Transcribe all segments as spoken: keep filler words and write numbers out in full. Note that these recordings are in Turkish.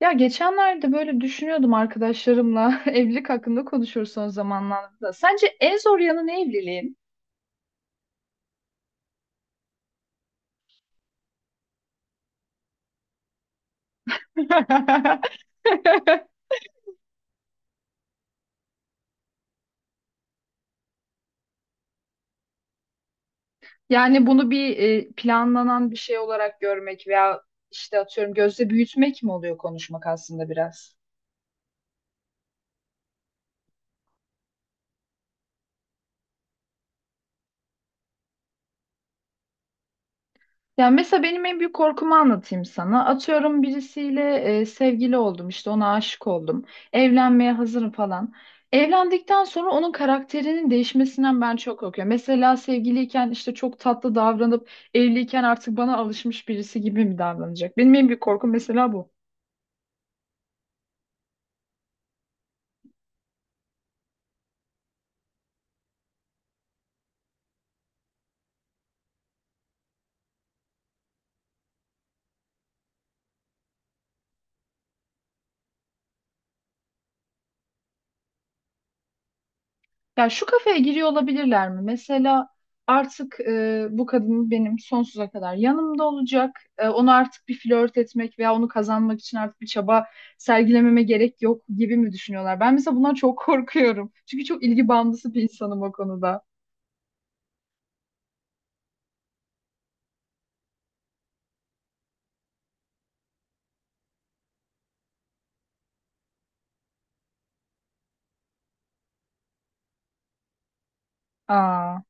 Ya geçenlerde böyle düşünüyordum arkadaşlarımla evlilik hakkında konuşuyoruz son zamanlarda. Sence en zor yanı ne evliliğin? Yani bunu bir e, planlanan bir şey olarak görmek veya işte atıyorum gözde büyütmek mi oluyor konuşmak aslında biraz? Ya mesela benim en büyük korkumu anlatayım sana. Atıyorum birisiyle e, sevgili oldum işte ona aşık oldum. Evlenmeye hazırım falan. Evlendikten sonra onun karakterinin değişmesinden ben çok korkuyorum. Mesela sevgiliyken işte çok tatlı davranıp evliyken artık bana alışmış birisi gibi mi davranacak? Benim en büyük korkum mesela bu. Ya şu kafeye giriyor olabilirler mi? Mesela artık e, bu kadın benim sonsuza kadar yanımda olacak. E, onu artık bir flört etmek veya onu kazanmak için artık bir çaba sergilememe gerek yok gibi mi düşünüyorlar? Ben mesela bundan çok korkuyorum. Çünkü çok ilgi bağımlısı bir insanım o konuda. Aa.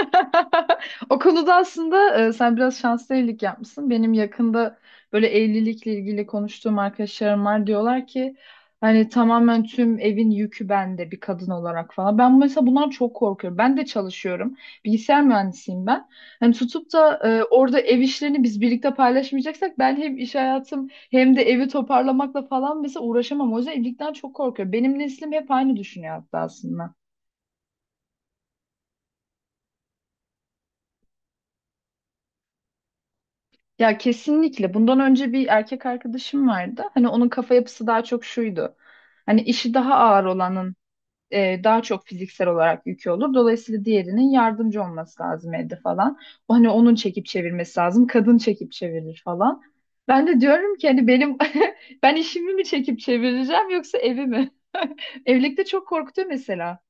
O konuda aslında e, sen biraz şanslı evlilik yapmışsın. Benim yakında böyle evlilikle ilgili konuştuğum arkadaşlarım var. Diyorlar ki hani tamamen tüm evin yükü bende bir kadın olarak falan. Ben mesela bundan çok korkuyorum. Ben de çalışıyorum. Bilgisayar mühendisiyim ben. Hani tutup da e, orada ev işlerini biz birlikte paylaşmayacaksak ben hem iş hayatım hem de evi toparlamakla falan mesela uğraşamam. O yüzden evlilikten çok korkuyorum. Benim neslim hep aynı düşünüyor hatta aslında. Ya kesinlikle. Bundan önce bir erkek arkadaşım vardı. Hani onun kafa yapısı daha çok şuydu. Hani işi daha ağır olanın e, daha çok fiziksel olarak yükü olur. Dolayısıyla diğerinin yardımcı olması lazım evde falan. O, hani onun çekip çevirmesi lazım. Kadın çekip çevirir falan. Ben de diyorum ki hani benim ben işimi mi çekip çevireceğim yoksa evi mi? Evlilikte çok korkutuyor mesela.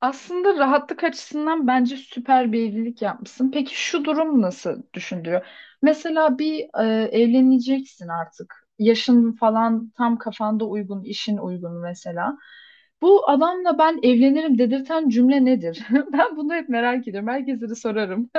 Aslında rahatlık açısından bence süper bir evlilik yapmışsın. Peki şu durum nasıl düşündürüyor? Mesela bir e, evleneceksin artık. Yaşın falan tam kafanda uygun, işin uygun mesela. Bu adamla ben evlenirim dedirten cümle nedir? Ben bunu hep merak ediyorum. Herkese de sorarım.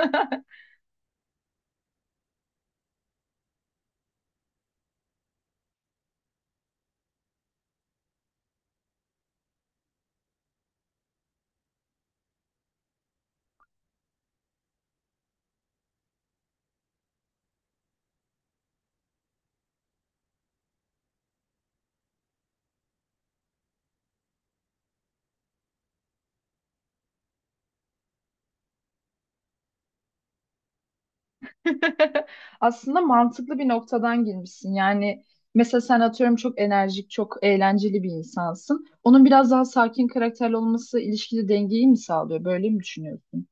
Aslında mantıklı bir noktadan girmişsin. Yani mesela sen atıyorum çok enerjik, çok eğlenceli bir insansın. Onun biraz daha sakin karakterli olması ilişkide dengeyi mi sağlıyor? Böyle mi düşünüyorsun?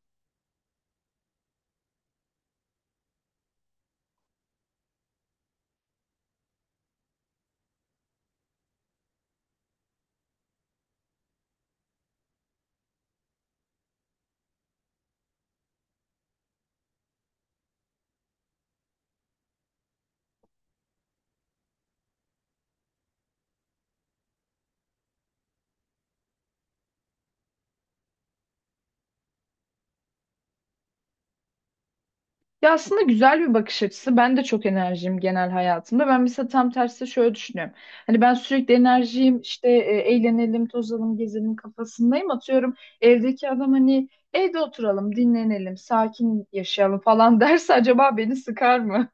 Ya aslında güzel bir bakış açısı. Ben de çok enerjiyim genel hayatımda. Ben mesela tam tersi şöyle düşünüyorum. Hani ben sürekli enerjiyim, işte e, eğlenelim, tozalım, gezelim kafasındayım. Atıyorum evdeki adam hani evde oturalım, dinlenelim, sakin yaşayalım falan derse acaba beni sıkar mı?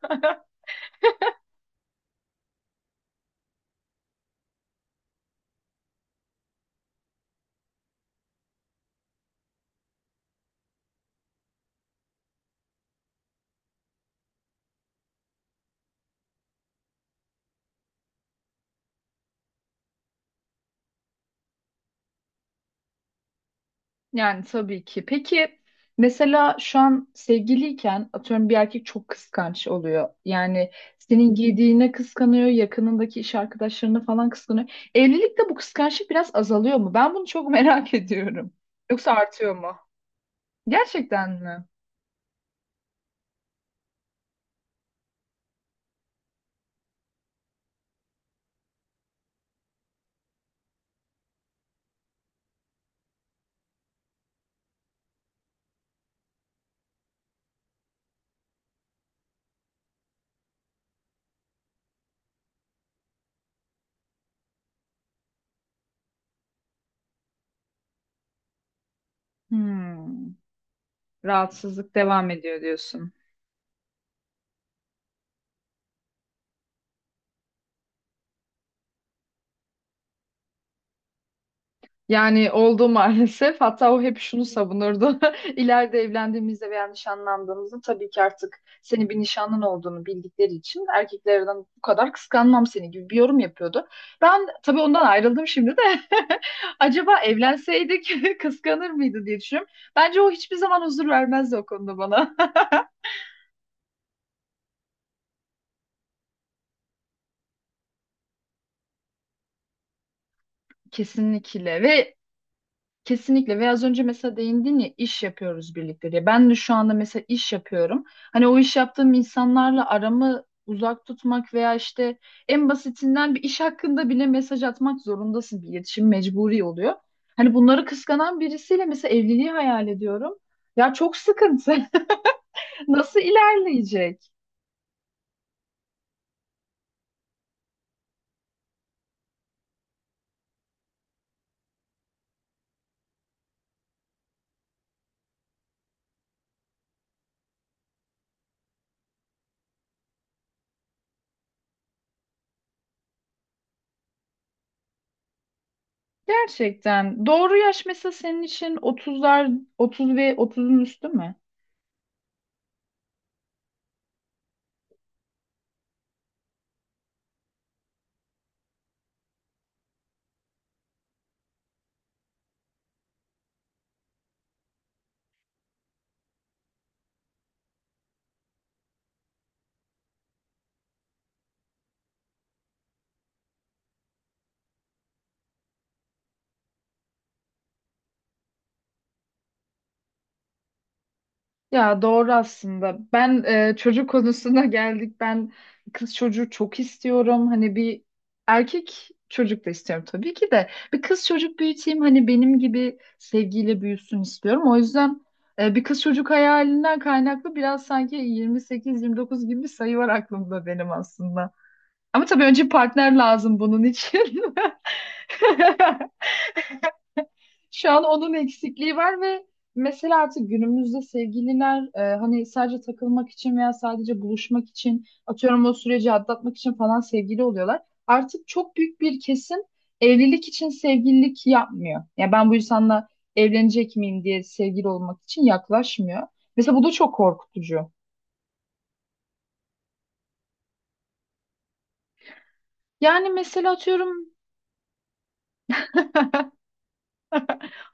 Yani tabii ki. Peki mesela şu an sevgiliyken atıyorum bir erkek çok kıskanç oluyor. Yani senin giydiğine kıskanıyor, yakınındaki iş arkadaşlarını falan kıskanıyor. Evlilikte bu kıskançlık biraz azalıyor mu? Ben bunu çok merak ediyorum. Yoksa artıyor mu? Gerçekten mi? Hmm. Rahatsızlık devam ediyor diyorsun. Yani oldu maalesef. Hatta o hep şunu savunurdu. İleride evlendiğimizde veya nişanlandığımızda tabii ki artık senin bir nişanlın olduğunu bildikleri için erkeklerden bu kadar kıskanmam seni gibi bir yorum yapıyordu. Ben tabii ondan ayrıldım şimdi de. Acaba evlenseydik kıskanır mıydı diye düşünüyorum. Bence o hiçbir zaman huzur vermezdi o konuda bana. Kesinlikle ve Kesinlikle ve az önce mesela değindin ya iş yapıyoruz birlikte diye. Ben de şu anda mesela iş yapıyorum. Hani o iş yaptığım insanlarla aramı uzak tutmak veya işte en basitinden bir iş hakkında bile mesaj atmak zorundasın. Bir iletişim mecburi oluyor. Hani bunları kıskanan birisiyle mesela evliliği hayal ediyorum. Ya çok sıkıntı. Nasıl ilerleyecek? Gerçekten. Doğru yaş mesela senin için otuzlar, otuz ve otuzun üstü mü? Ya doğru aslında. Ben e, çocuk konusuna geldik. Ben kız çocuğu çok istiyorum. Hani bir erkek çocuk da istiyorum tabii ki de. Bir kız çocuk büyüteyim. Hani benim gibi sevgiyle büyüsün istiyorum. O yüzden e, bir kız çocuk hayalinden kaynaklı biraz sanki yirmi sekiz yirmi dokuz gibi bir sayı var aklımda benim aslında. Ama tabii önce partner lazım bunun için. Şu an onun eksikliği var ve mesela artık günümüzde sevgililer e, hani sadece takılmak için veya sadece buluşmak için atıyorum o süreci atlatmak için falan sevgili oluyorlar. Artık çok büyük bir kesim evlilik için sevgililik yapmıyor. Yani ben bu insanla evlenecek miyim diye sevgili olmak için yaklaşmıyor. Mesela bu da çok korkutucu. Yani mesela atıyorum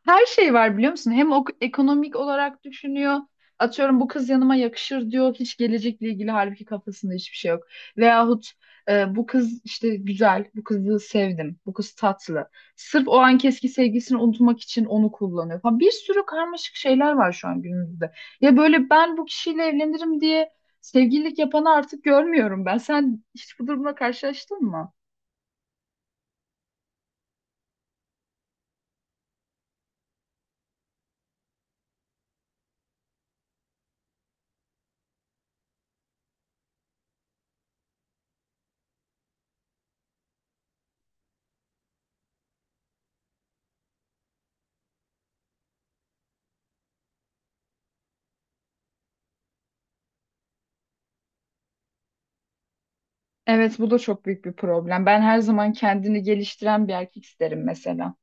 Her şey var biliyor musun? Hem ok- ekonomik olarak düşünüyor. Atıyorum bu kız yanıma yakışır diyor. Hiç gelecekle ilgili halbuki kafasında hiçbir şey yok. Veyahut e, bu kız işte güzel, bu kızı sevdim, bu kız tatlı. Sırf o anki eski sevgisini unutmak için onu kullanıyor falan. Bir sürü karmaşık şeyler var şu an günümüzde. Ya böyle ben bu kişiyle evlenirim diye sevgililik yapanı artık görmüyorum ben. Sen hiç bu durumla karşılaştın mı? Evet, bu da çok büyük bir problem. Ben her zaman kendini geliştiren bir erkek isterim mesela.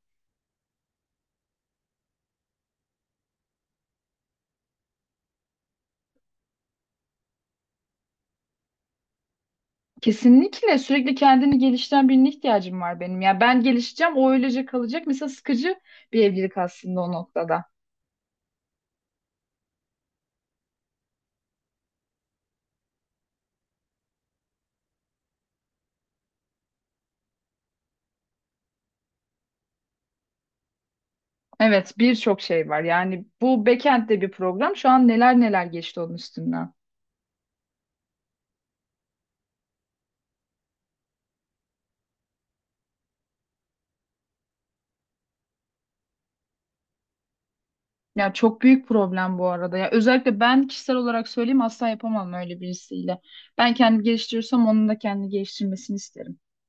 Kesinlikle sürekli kendini geliştiren birine ihtiyacım var benim. Ya ben gelişeceğim, o öylece kalacak. Mesela sıkıcı bir evlilik aslında o noktada. Evet, birçok şey var. Yani bu backend'de bir program. Şu an neler neler geçti onun üstünden. Ya çok büyük problem bu arada. Ya özellikle ben kişisel olarak söyleyeyim asla yapamam öyle birisiyle. Ben kendimi geliştiriyorsam onun da kendini geliştirmesini isterim.